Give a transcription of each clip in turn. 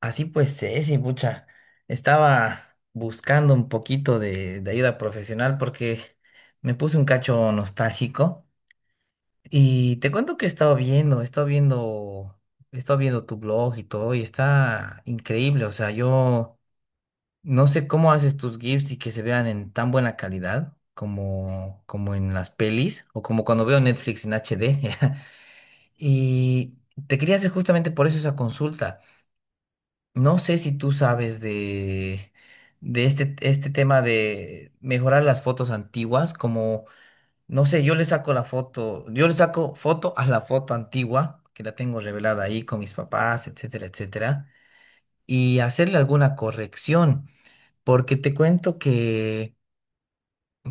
Así pues, Ceci, pucha, estaba buscando un poquito de ayuda profesional porque me puse un cacho nostálgico y te cuento que he estado viendo tu blog y todo y está increíble, o sea, yo no sé cómo haces tus GIFs y que se vean en tan buena calidad como en las pelis o como cuando veo Netflix en HD y te quería hacer justamente por eso esa consulta. No sé si tú sabes de este tema de mejorar las fotos antiguas, como, no sé, yo le saco la foto, yo le saco foto a la foto antigua, que la tengo revelada ahí con mis papás, etcétera, etcétera, y hacerle alguna corrección, porque te cuento que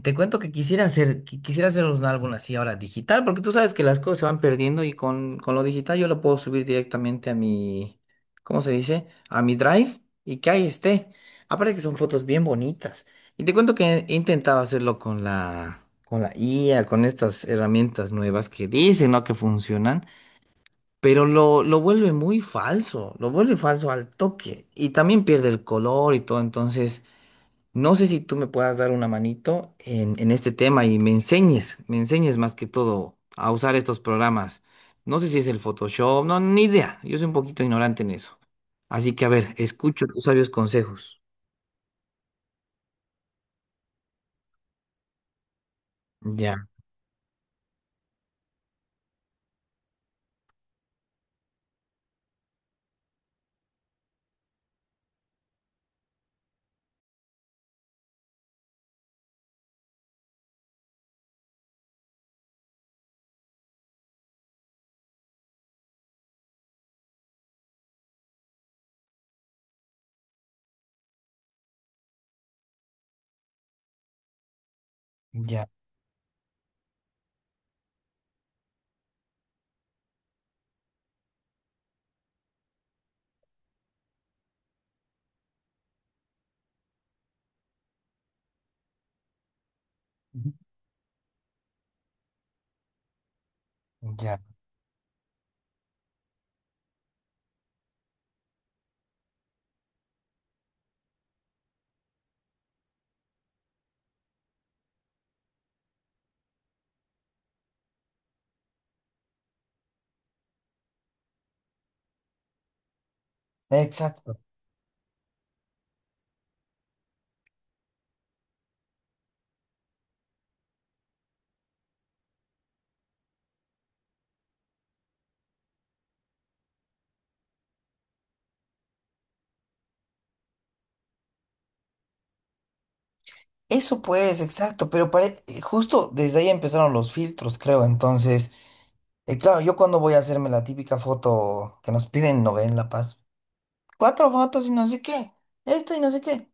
te cuento que quisiera hacer, quisiera hacer un álbum así ahora digital, porque tú sabes que las cosas se van perdiendo y con lo digital yo lo puedo subir directamente a mi, ¿cómo se dice? A mi Drive y que ahí esté. Aparte que son fotos bien bonitas. Y te cuento que he intentado hacerlo con con la IA, con estas herramientas nuevas que dicen, ¿no? Que funcionan, pero lo vuelve muy falso, lo vuelve falso al toque y también pierde el color y todo, entonces no sé si tú me puedas dar una manito en este tema y me enseñes más que todo a usar estos programas. No sé si es el Photoshop, no, ni idea. Yo soy un poquito ignorante en eso. Así que, a ver, escucho tus sabios consejos. Ya, ya, ujú, ya. Exacto. Eso pues, exacto, pero justo desde ahí empezaron los filtros, creo. Entonces, claro, yo cuando voy a hacerme la típica foto que nos piden, no ven La Paz. Cuatro fotos y no sé qué. Esto y no sé qué.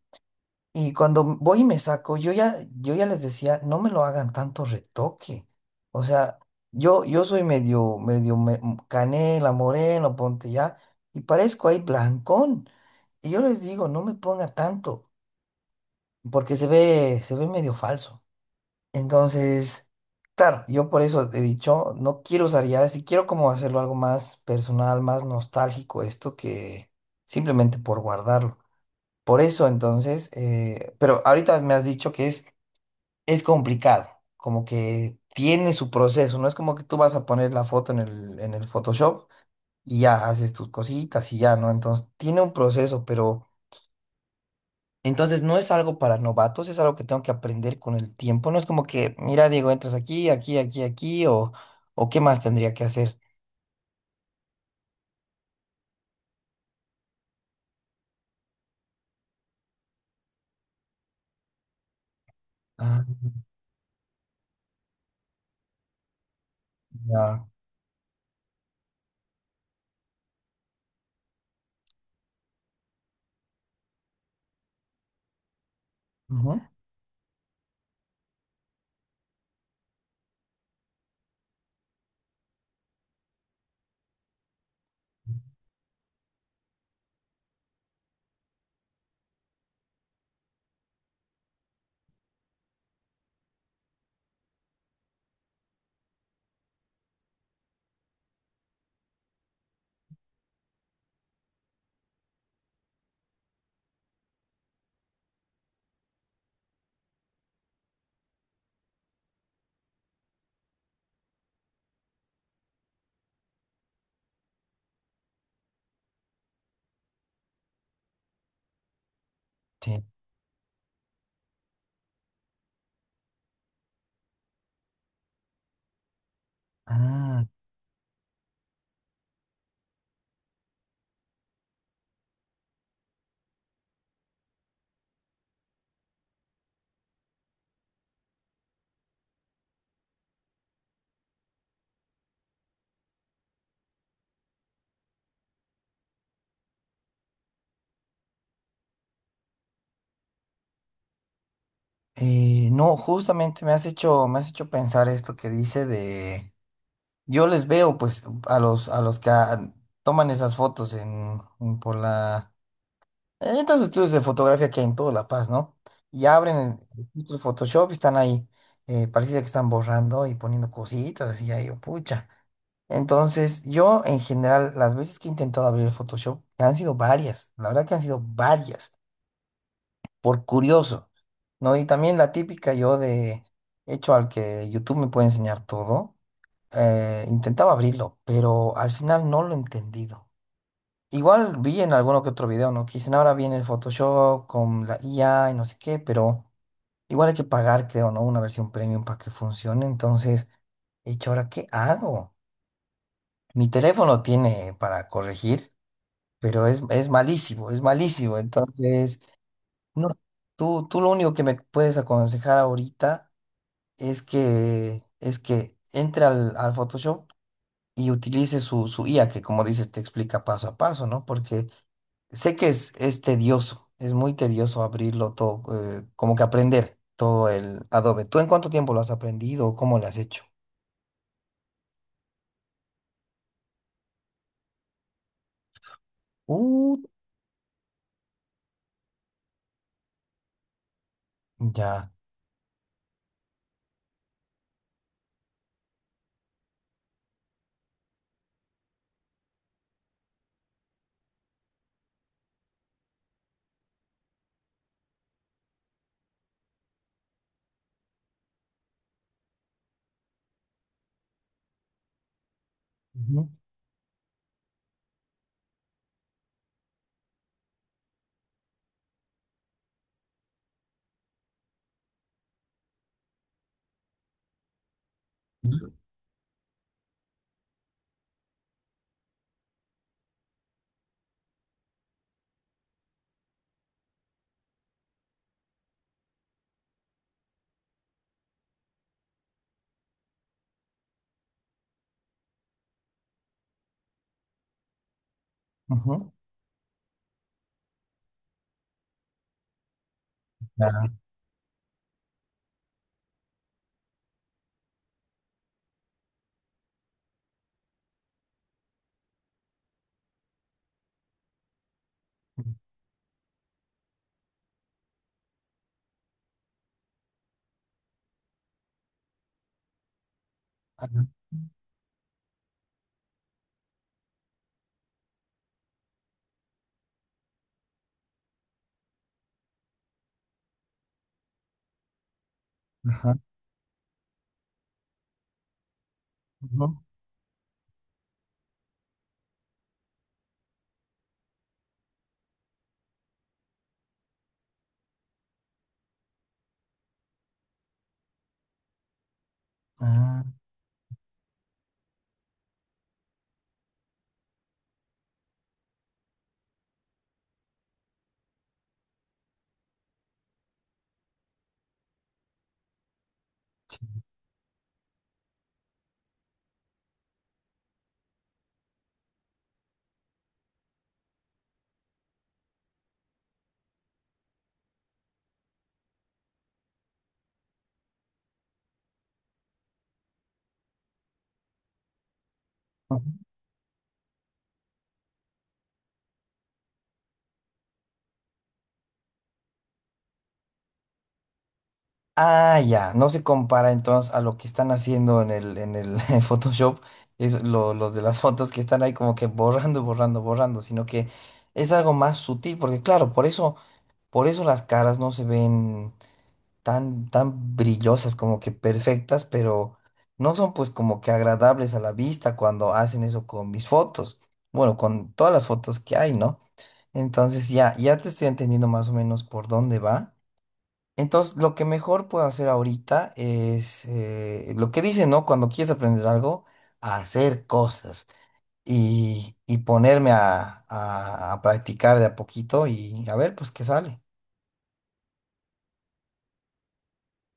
Y cuando voy y me saco, yo ya les decía, no me lo hagan tanto retoque. O sea, yo soy medio, canela, moreno, ponte ya, y parezco ahí blancón. Y yo les digo, no me ponga tanto, porque se ve medio falso. Entonces, claro, yo por eso he dicho, no quiero usar ya, si quiero como hacerlo algo más personal, más nostálgico, esto que simplemente por guardarlo. Por eso, entonces, pero ahorita me has dicho que es complicado, como que tiene su proceso, no es como que tú vas a poner la foto en en el Photoshop y ya haces tus cositas y ya, ¿no? Entonces, tiene un proceso, pero entonces no es algo para novatos, es algo que tengo que aprender con el tiempo, no es como que, mira, Diego, entras aquí, aquí, o qué más tendría que hacer. Ah, ya. Ujú, sí. Ah. No, justamente me has hecho pensar esto que dice de, yo les veo pues a a los que toman esas fotos en en estos estudios de fotografía que hay en toda La Paz, ¿no? Y abren el filtro de Photoshop y están ahí, parece que están borrando y poniendo cositas así, ahí, yo, pucha. Entonces, yo en general, las veces que he intentado abrir el Photoshop, que han sido varias, la verdad que han sido varias por curioso, ¿no? Y también la típica yo de hecho al que YouTube me puede enseñar todo, intentaba abrirlo, pero al final no lo he entendido. Igual vi en alguno que otro video, ¿no? Que dicen ahora viene el Photoshop con la IA y no sé qué, pero igual hay que pagar, creo, ¿no? Una versión premium para que funcione. Entonces, hecho, ¿ahora qué hago? Mi teléfono tiene para corregir, pero es malísimo, es malísimo. Entonces, no, tú lo único que me puedes aconsejar ahorita es que entre al Photoshop y utilice su IA, que como dices, te explica paso a paso, ¿no? Porque sé que es tedioso, es muy tedioso abrirlo todo, como que aprender todo el Adobe. ¿Tú en cuánto tiempo lo has aprendido o cómo lo has hecho? Uh, ya. Ujú, ujú, ujú, ya. Ajá, ajá, ujú, ah, sí. Ah, ya, no se compara entonces a lo que están haciendo en en el Photoshop, es los de las fotos que están ahí como que borrando, sino que es algo más sutil, porque claro, por eso las caras no se ven tan brillosas, como que perfectas, pero no son pues como que agradables a la vista cuando hacen eso con mis fotos, bueno, con todas las fotos que hay, ¿no? Entonces ya te estoy entendiendo más o menos por dónde va. Entonces, lo que mejor puedo hacer ahorita es lo que dicen, ¿no? Cuando quieres aprender algo, hacer cosas y ponerme a practicar de a poquito y a ver, pues qué sale.